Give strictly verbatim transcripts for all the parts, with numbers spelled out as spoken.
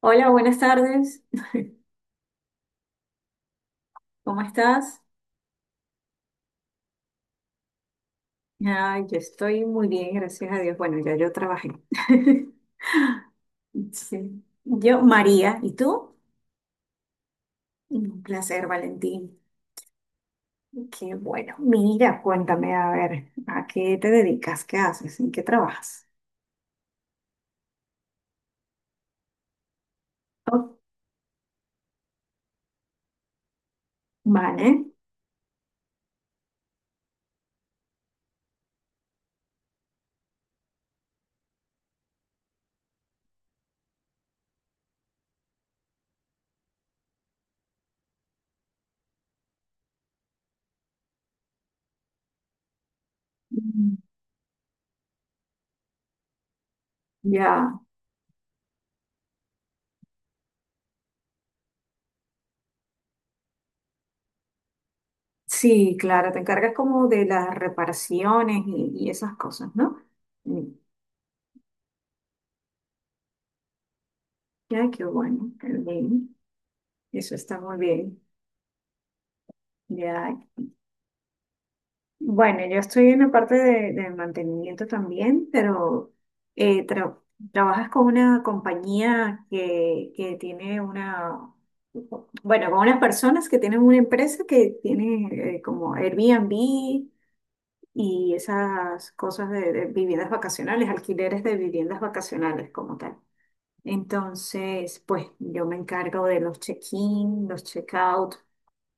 Hola, buenas tardes. ¿Cómo estás? Ay, yo estoy muy bien, gracias a Dios. Bueno, ya yo trabajé. Sí. Yo, María, ¿y tú? Un placer, Valentín. Qué bueno. Mira, cuéntame, a ver, ¿a qué te dedicas? ¿Qué haces? ¿En qué trabajas? Oh, vale. Mm, Ya. Sí, claro, te encargas como de las reparaciones y, y esas cosas, ¿no? Mm, Ya, qué bueno, qué bien. Eso está muy bien. Ya. Bueno, yo estoy en la parte de, de mantenimiento también, pero eh, tra- trabajas con una compañía que, que tiene una, bueno, con unas personas que tienen una empresa que tiene eh, como Airbnb y esas cosas de, de viviendas vacacionales, alquileres de viviendas vacacionales como tal. Entonces, pues yo me encargo de los check-in, los check-out,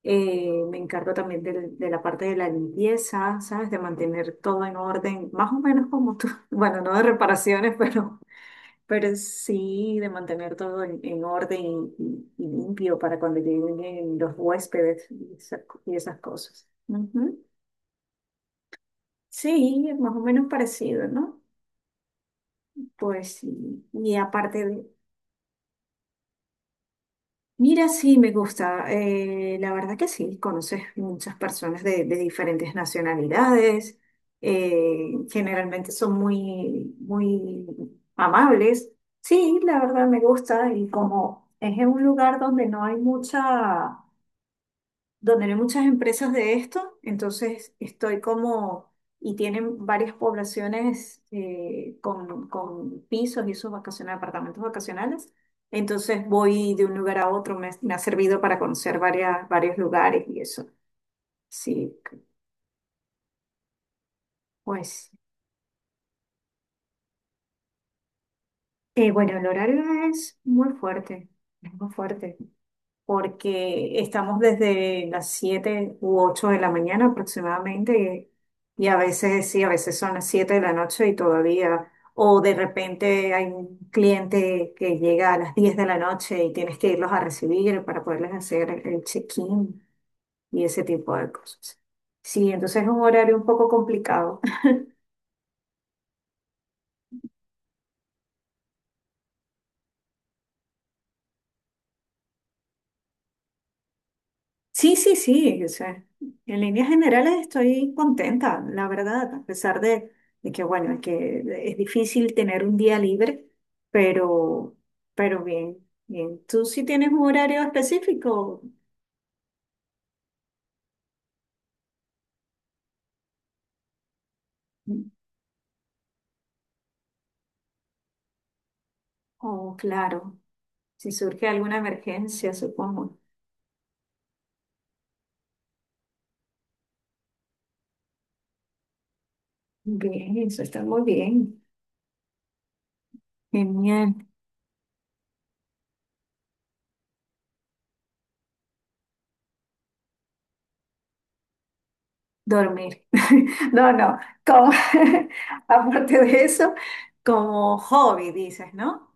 eh, me encargo también del- de, la parte de la limpieza, ¿sabes? De mantener todo en orden, más o menos como tú. Bueno, no de reparaciones, pero, pero sí de mantener todo en, en orden y, y- y limpio para cuando lleguen los huéspedes y esa- y esas cosas. Ujú. Sí, es más o menos parecido, ¿no? Pues sí. Y aparte. Mira, sí, me gusta. Eh, la verdad que sí, conoces muchas personas de, de diferentes nacionalidades. eh, generalmente son muy, muy amables. Sí, la verdad me gusta. Y como es en un lugar donde no hay mucha, donde no hay muchas empresas de esto, entonces estoy como, y tienen varias poblaciones eh, con, con pisos y esos vacacionales, apartamentos vacacionales. Entonces voy de un lugar a otro, me, me ha servido para conocer varias, varios lugares y eso. Sí, pues, eh, bueno, el horario es muy fuerte, es muy fuerte. Porque estamos desde las siete u ocho de la mañana aproximadamente y, y a veces sí, a veces son las siete de la noche y todavía, o de repente hay un cliente que llega a las diez de la noche y tienes que irlos a recibir para poderles hacer el el check-in y ese tipo de cosas. Sí, entonces es un horario un poco complicado. Sí, sí, sí, o sea, en líneas generales estoy contenta, la verdad, a pesar de, de que, bueno, que es difícil tener un día libre, pero, pero bien, bien. ¿Tú sí tienes un horario específico? Oh, claro, si surge alguna emergencia, supongo. Bien, eso está muy bien. Genial. Dormir. No, no, como, aparte de eso, como hobby, dices, ¿no?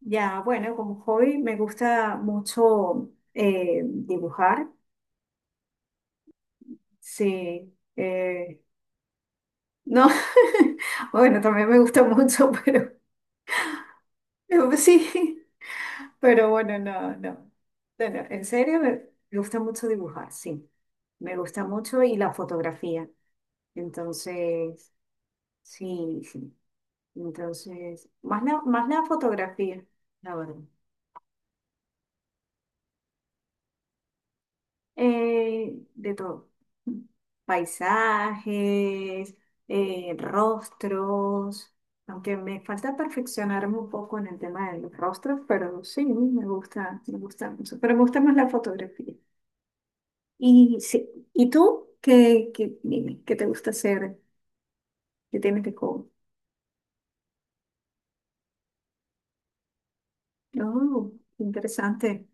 Ya, bueno, como hobby me gusta mucho eh, dibujar, sí. Eh, no, bueno, también me gusta mucho, pero pero sí, pero bueno, no, no. Bueno, en serio, me me gusta mucho dibujar, sí. Me gusta mucho y la fotografía. Entonces, sí, sí. Entonces, más la, más la fotografía, la verdad. Eh, de todo. Paisajes, eh, rostros, aunque me falta perfeccionarme un poco en el tema de los rostros, pero sí, me gusta, me gusta mucho. Pero me gusta más la fotografía. Y, sí, ¿y tú qué, qué, dime, qué te gusta hacer? ¿Qué tienes de hobby? Oh, interesante.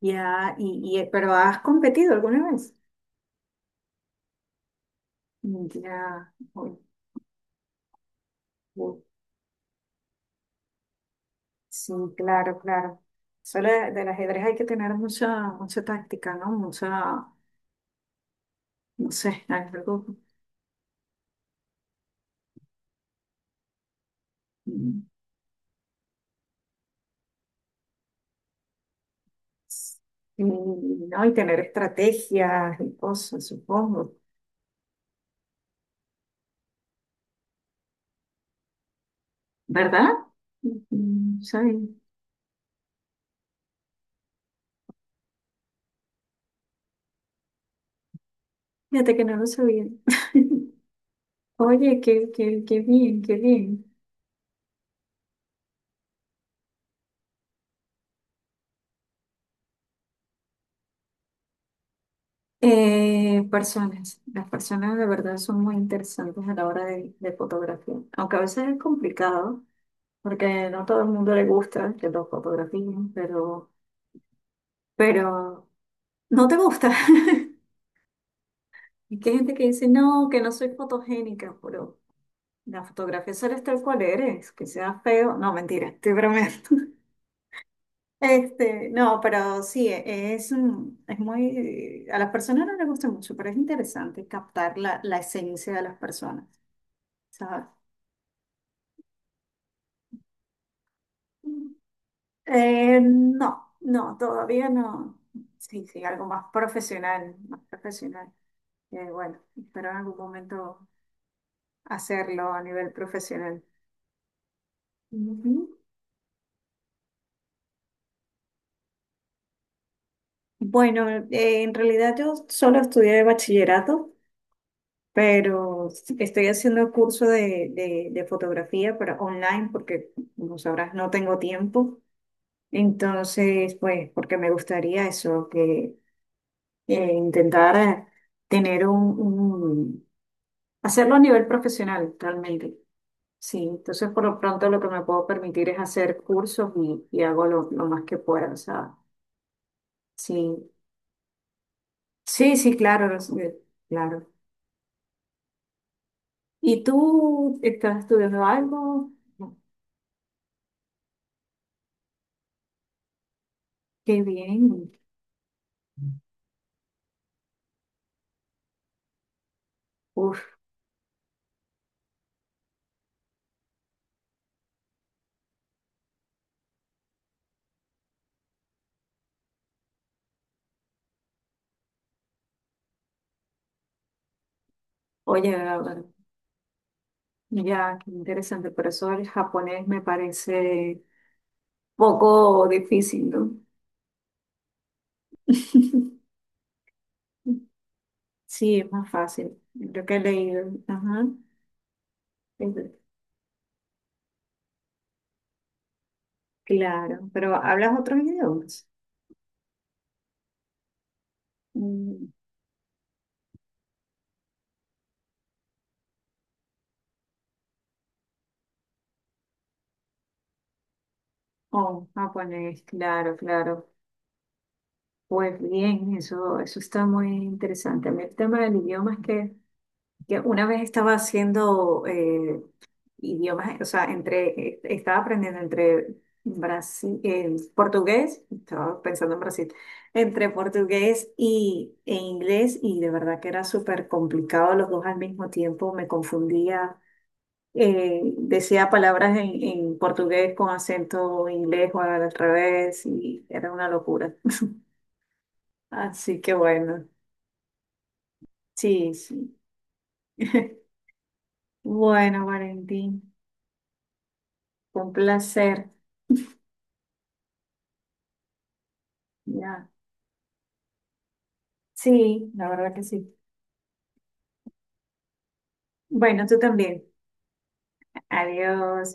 Ya, y, y- pero ¿has competido alguna vez? Ya, ok. Sí, claro, claro. Solo de- del ajedrez hay que tener mucha, mucha táctica, ¿no? Mucha, no sé, algo. mm, s- Y, no, y tener estrategias y cosas, supongo. ¿Verdad? Mm, Sí. Fíjate que no lo sabía. Oye, qué, qué, qué bien, qué bien. Eh, personas, las personas de verdad son muy interesantes a la hora de, de fotografiar, aunque a veces es complicado. Porque no todo el mundo le gusta que los fotografíen, pero, pero no te gusta. Y que hay gente que dice, no, que no soy fotogénica, pero la fotografía solo es tal cual eres, que sea feo. No, mentira, estoy bromeando. Este, no, pero sí, e- es, un- es muy, a las personas no les gusta mucho, pero es interesante captar la, la esencia de las personas, ¿sabes? Eh, no, no, todavía no. Sí, sí, algo más profesional, más profesional. Que, bueno, espero en algún momento hacerlo a nivel profesional. Ujú. Bueno, eh, en realidad yo solo estudié bachillerato, pero estoy haciendo curso de, de, de fotografía para online porque, como sabrás, no tengo tiempo. Entonces, pues, porque me gustaría eso, que eh, intentar eh, tener un, un- hacerlo a nivel profesional realmente. Sí, entonces por lo pronto lo que me puedo permitir es hacer cursos y, y hago lo, lo más que pueda. O sea, sí, sí, sí, claro, lo sé, claro. ¿Y tú estás estudiando algo? No. Qué bien. Uf, oye, a ver, ya, qué interesante, pero eso el japonés me parece poco difícil, ¿no? Sí, es más fácil. Creo que he leído. Ajá. es- Claro, pero ¿hablas otros idiomas? Mm. Oh, japonés, claro, claro. Pues bien, eso, eso está muy interesante. A mí el tema del idioma es que, que una vez estaba haciendo eh, idiomas, o sea, entre, eh, estaba aprendiendo entre Brasil, eh, portugués, estaba pensando en Brasil, entre portugués y, e inglés, y de verdad que era súper complicado los dos al mismo tiempo, me confundía eh, decía palabras en, en portugués con acento inglés o al revés y era una locura. Así que bueno, sí, sí. Bueno, Valentín, fue un placer. Ya. Sí, la verdad que sí. Bueno, tú también. Adiós.